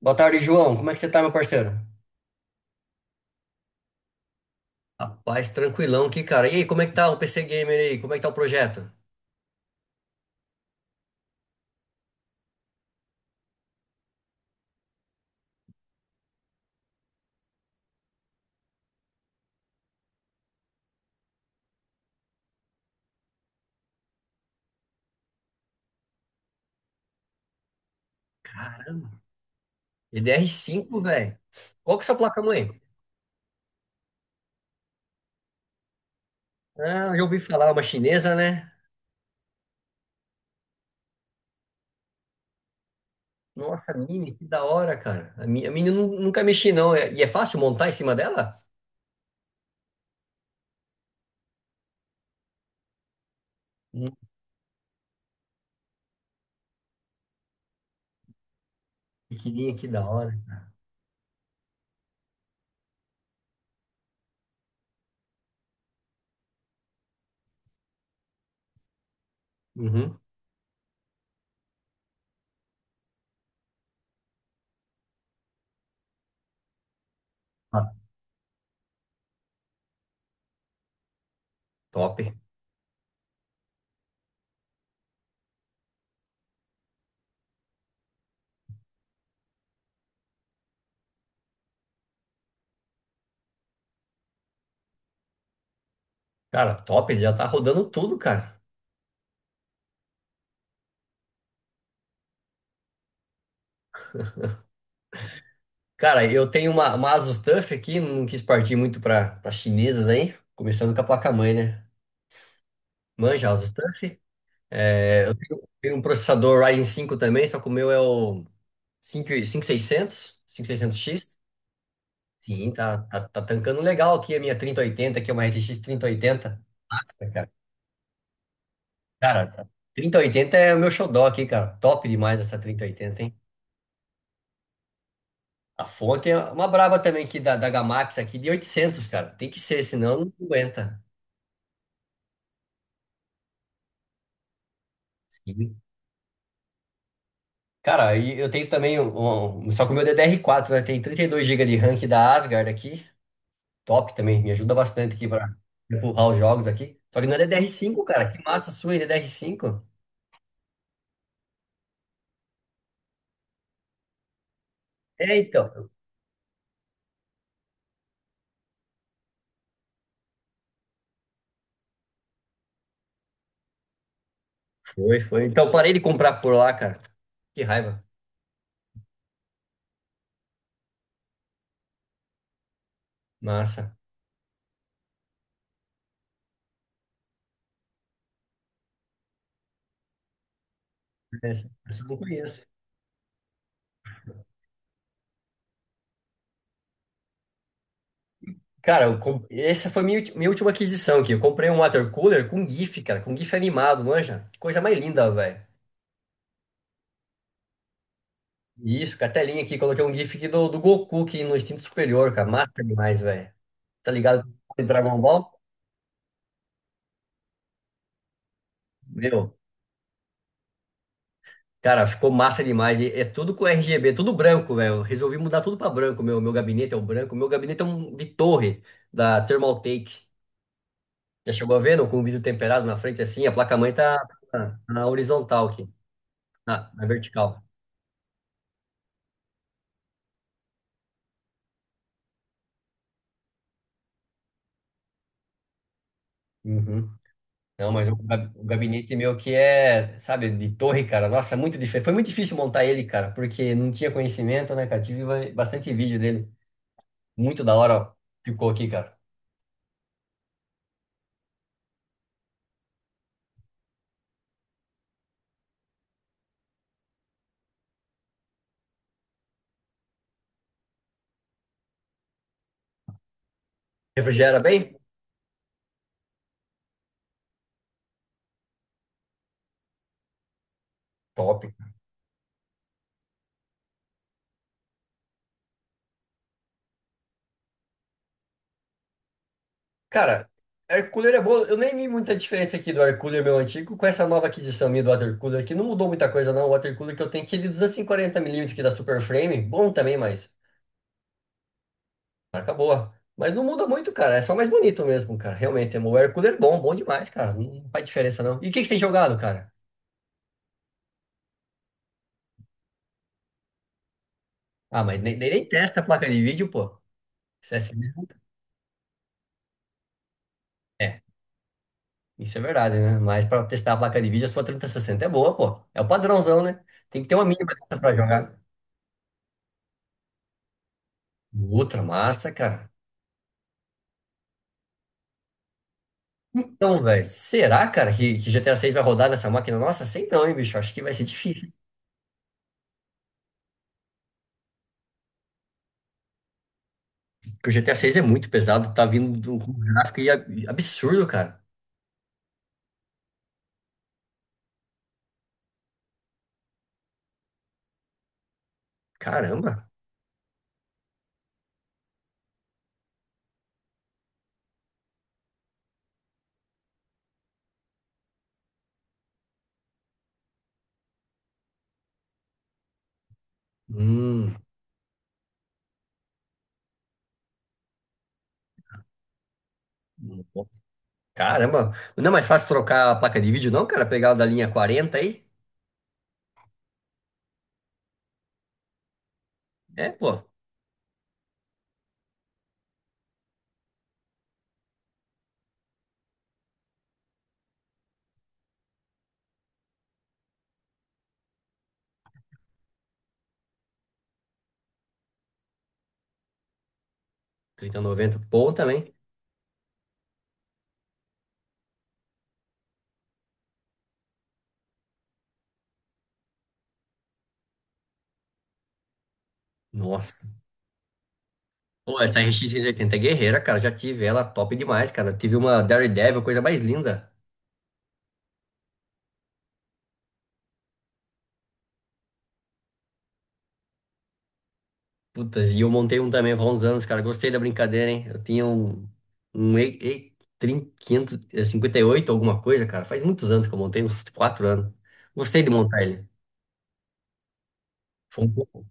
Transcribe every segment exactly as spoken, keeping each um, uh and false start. Boa tarde, João. Como é que você tá, meu parceiro? Rapaz, tranquilão aqui, cara. E aí, como é que tá o P C Gamer aí? Como é que tá o projeto? Edr cinco, velho. Qual que é a sua placa-mãe? Ah, eu já ouvi falar, uma chinesa, né? Nossa, Mini, que da hora, cara. A Mini, a Mini eu nu- nunca mexi, não. É- E é fácil montar em cima dela? Hum, Pequenininha, que da hora. Uhum. Ah, top. Cara, top, já tá rodando tudo, cara. Cara, eu tenho uma, uma Asus TUF aqui, não quis partir muito para as chinesas aí. Começando com a placa-mãe, né? Manja, Asus TUF? É, eu tenho, tenho um processador Ryzen cinco também, só que o meu é o cinco e- cinco mil e seiscentos, seiscentos cinco mil e seiscentos x. Sim, tá, tá, tá tancando legal aqui a minha trinta e oitenta que é uma R T X trinta e oitenta. Nossa, cara. Cara, trinta e oitenta é o meu xodó aqui, cara. Top demais essa trinta e oitenta, hein? A fonte é uma braba também aqui da, da Gamax aqui de oitocentos, cara. Tem que ser, senão não aguenta. Sim. Cara, e eu tenho também, um, um- só que o meu D D R quatro, né? Tem trinta e dois gigas de RAM aqui da Asgard aqui. Top também, me ajuda bastante aqui para empurrar os jogos aqui. Só que não é D D R cinco, cara. Que massa sua, hein, D D R cinco. É, então. Foi, foi. Então parei de comprar por lá, cara. Que raiva. Massa. É, Essa essa eu não conheço. Cara, eu com- essa foi minha, ulti- minha última aquisição aqui. Eu comprei um water cooler com GIF, cara, com GIF animado, manja. Que coisa mais linda, velho. Isso, com a telinha aqui, coloquei um GIF aqui do, do Goku aqui no instinto superior, cara. Massa demais, velho. Tá ligado? Com o Dragon Ball? Meu. Cara, ficou massa demais. E é tudo com R G B, tudo branco, velho. Resolvi mudar tudo pra branco. Meu, meu gabinete é o branco. Meu gabinete é um de torre da Thermaltake. Já chegou a ver, não? Com o vidro temperado na frente assim, a placa-mãe tá na, na horizontal aqui, na, na vertical. Uhum. Não, mas o, ga- o gabinete meu que é, sabe, de torre, cara. Nossa, é muito difícil. Foi muito difícil montar ele, cara, porque não tinha conhecimento, né, cara? Tive ba- bastante vídeo dele. Muito da hora, ó. Ficou aqui, cara. Refrigera bem? Top. Cara, air cooler é bom. Eu nem vi muita diferença aqui do air cooler meu antigo com essa nova aquisição minha do water cooler, que não mudou muita coisa não. O water cooler que eu tenho aqui é de duzentos e quarenta milímetros que da Super Frame, bom também, mas marca boa. Mas não muda muito, cara. É só mais bonito mesmo, cara. Realmente, o air cooler é bom, bom demais, cara. Não faz diferença não. E o que que você tem jogado, cara? Ah, mas nem, nem nem testa a placa de vídeo, pô. Isso é, assim mesmo? É, isso é verdade, né? Mas pra testar a placa de vídeo, a sua trinta e sessenta é boa, pô. É o padrãozão, né? Tem que ter uma mínima dessa pra jogar. Outra massa, cara. Então, velho, será, cara, que, que G T A seis vai rodar nessa máquina? Nossa, sei não, hein, bicho. Acho que vai ser difícil. Porque o G T A seis é muito pesado, tá vindo de um gráfico aí ab- absurdo, cara. Caramba. Hum, Nossa, caramba. Não é mais fácil trocar a placa de vídeo, não, cara? Pegar a da linha quarenta aí? É, pô. Trinta noventa, bom também. Nossa. Pô, essa R X seiscentos e oitenta é guerreira, cara. Já tive ela, top demais, cara. Tive uma Daredevil, coisa mais linda. Putas, e eu montei um também há uns anos, cara. Gostei da brincadeira, hein? Eu tinha um, um E- E- trinta, quinhentos e cinquenta e oito alguma coisa, cara. Faz muitos anos que eu montei, uns quatro anos. Gostei de montar ele. Foi um pouco.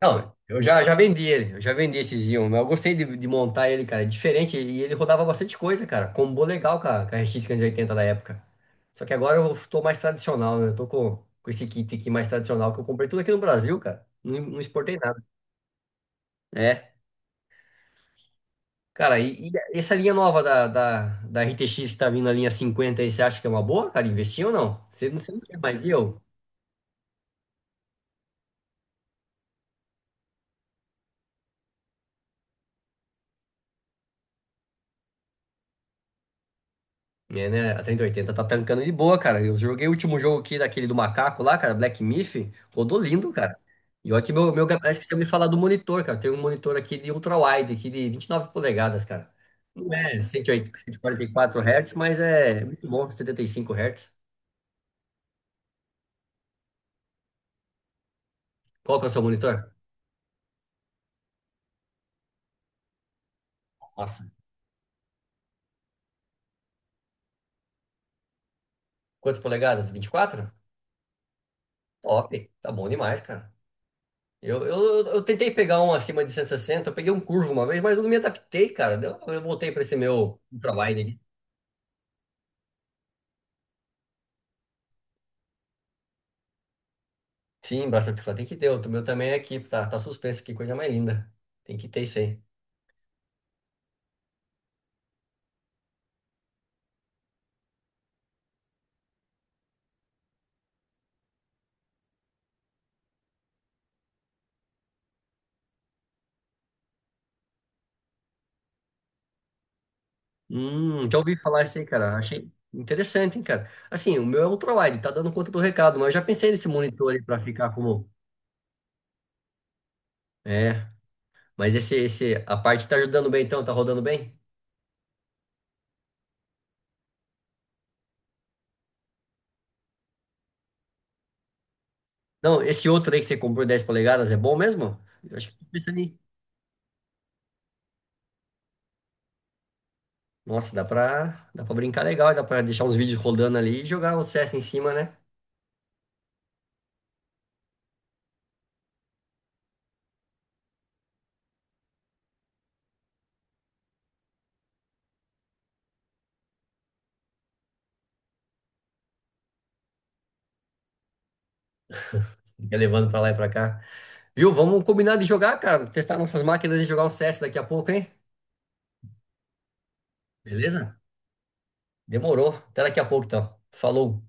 Não, eu já, já vendi ele, eu já vendi esse Xeon, mas eu gostei de, de montar ele, cara. É diferente, e ele rodava bastante coisa, cara. Combou legal, cara, com a R X quinhentos e oitenta da época. Só que agora eu tô mais tradicional, né? Eu tô com, com esse kit aqui mais tradicional que eu comprei tudo aqui no Brasil, cara. Não, não exportei nada. É. Cara, e, e essa linha nova da, da, da R T X que tá vindo na linha cinquenta aí, você acha que é uma boa, cara? Investir ou não? Você, não- você não quer mais, e eu? É, né? A trinta e oitenta tá tancando de boa, cara. Eu joguei o último jogo aqui daquele do macaco lá, cara, Black Myth, rodou lindo, cara. E olha que meu, meu, parece que você me falar do monitor, cara. Tem um monitor aqui de ultra-wide, aqui de vinte e nove polegadas, cara. Não é cento cento e e oitenta, cento e quarenta e quatro Hz, mas é muito bom, setenta e cinco Hz. Qual que é o seu monitor? Nossa. Quantas polegadas? Vinte e quatro. Top, tá bom demais, cara. Eu, eu, eu tentei pegar um acima de cento e sessenta, eu peguei um curvo uma vez, mas eu não me adaptei, cara. Deu- Eu voltei para esse meu ultrawide ali. Sim, bastante flat. Tem que ter, o meu também é aqui, tá, tá suspenso, que coisa mais linda. Tem que ter isso aí. Hum, já ouvi falar isso aí, cara. Achei interessante, hein, cara. Assim, o meu é ultrawide, tá dando conta do recado, mas eu já pensei nesse monitor aí para ficar como. É, mas esse, esse, a parte tá ajudando bem então, tá rodando bem? Não, esse outro aí que você comprou dez polegadas é bom mesmo? Eu acho que tô pensando. Nossa, dá pra, dá pra brincar legal, dá pra deixar uns vídeos rodando ali e jogar o C S em cima, né? Fica levando pra lá e pra cá. Viu? Vamos combinar de jogar, cara. Testar nossas máquinas e jogar o C S daqui a pouco, hein? Beleza? Demorou. Até daqui a pouco, então. Falou.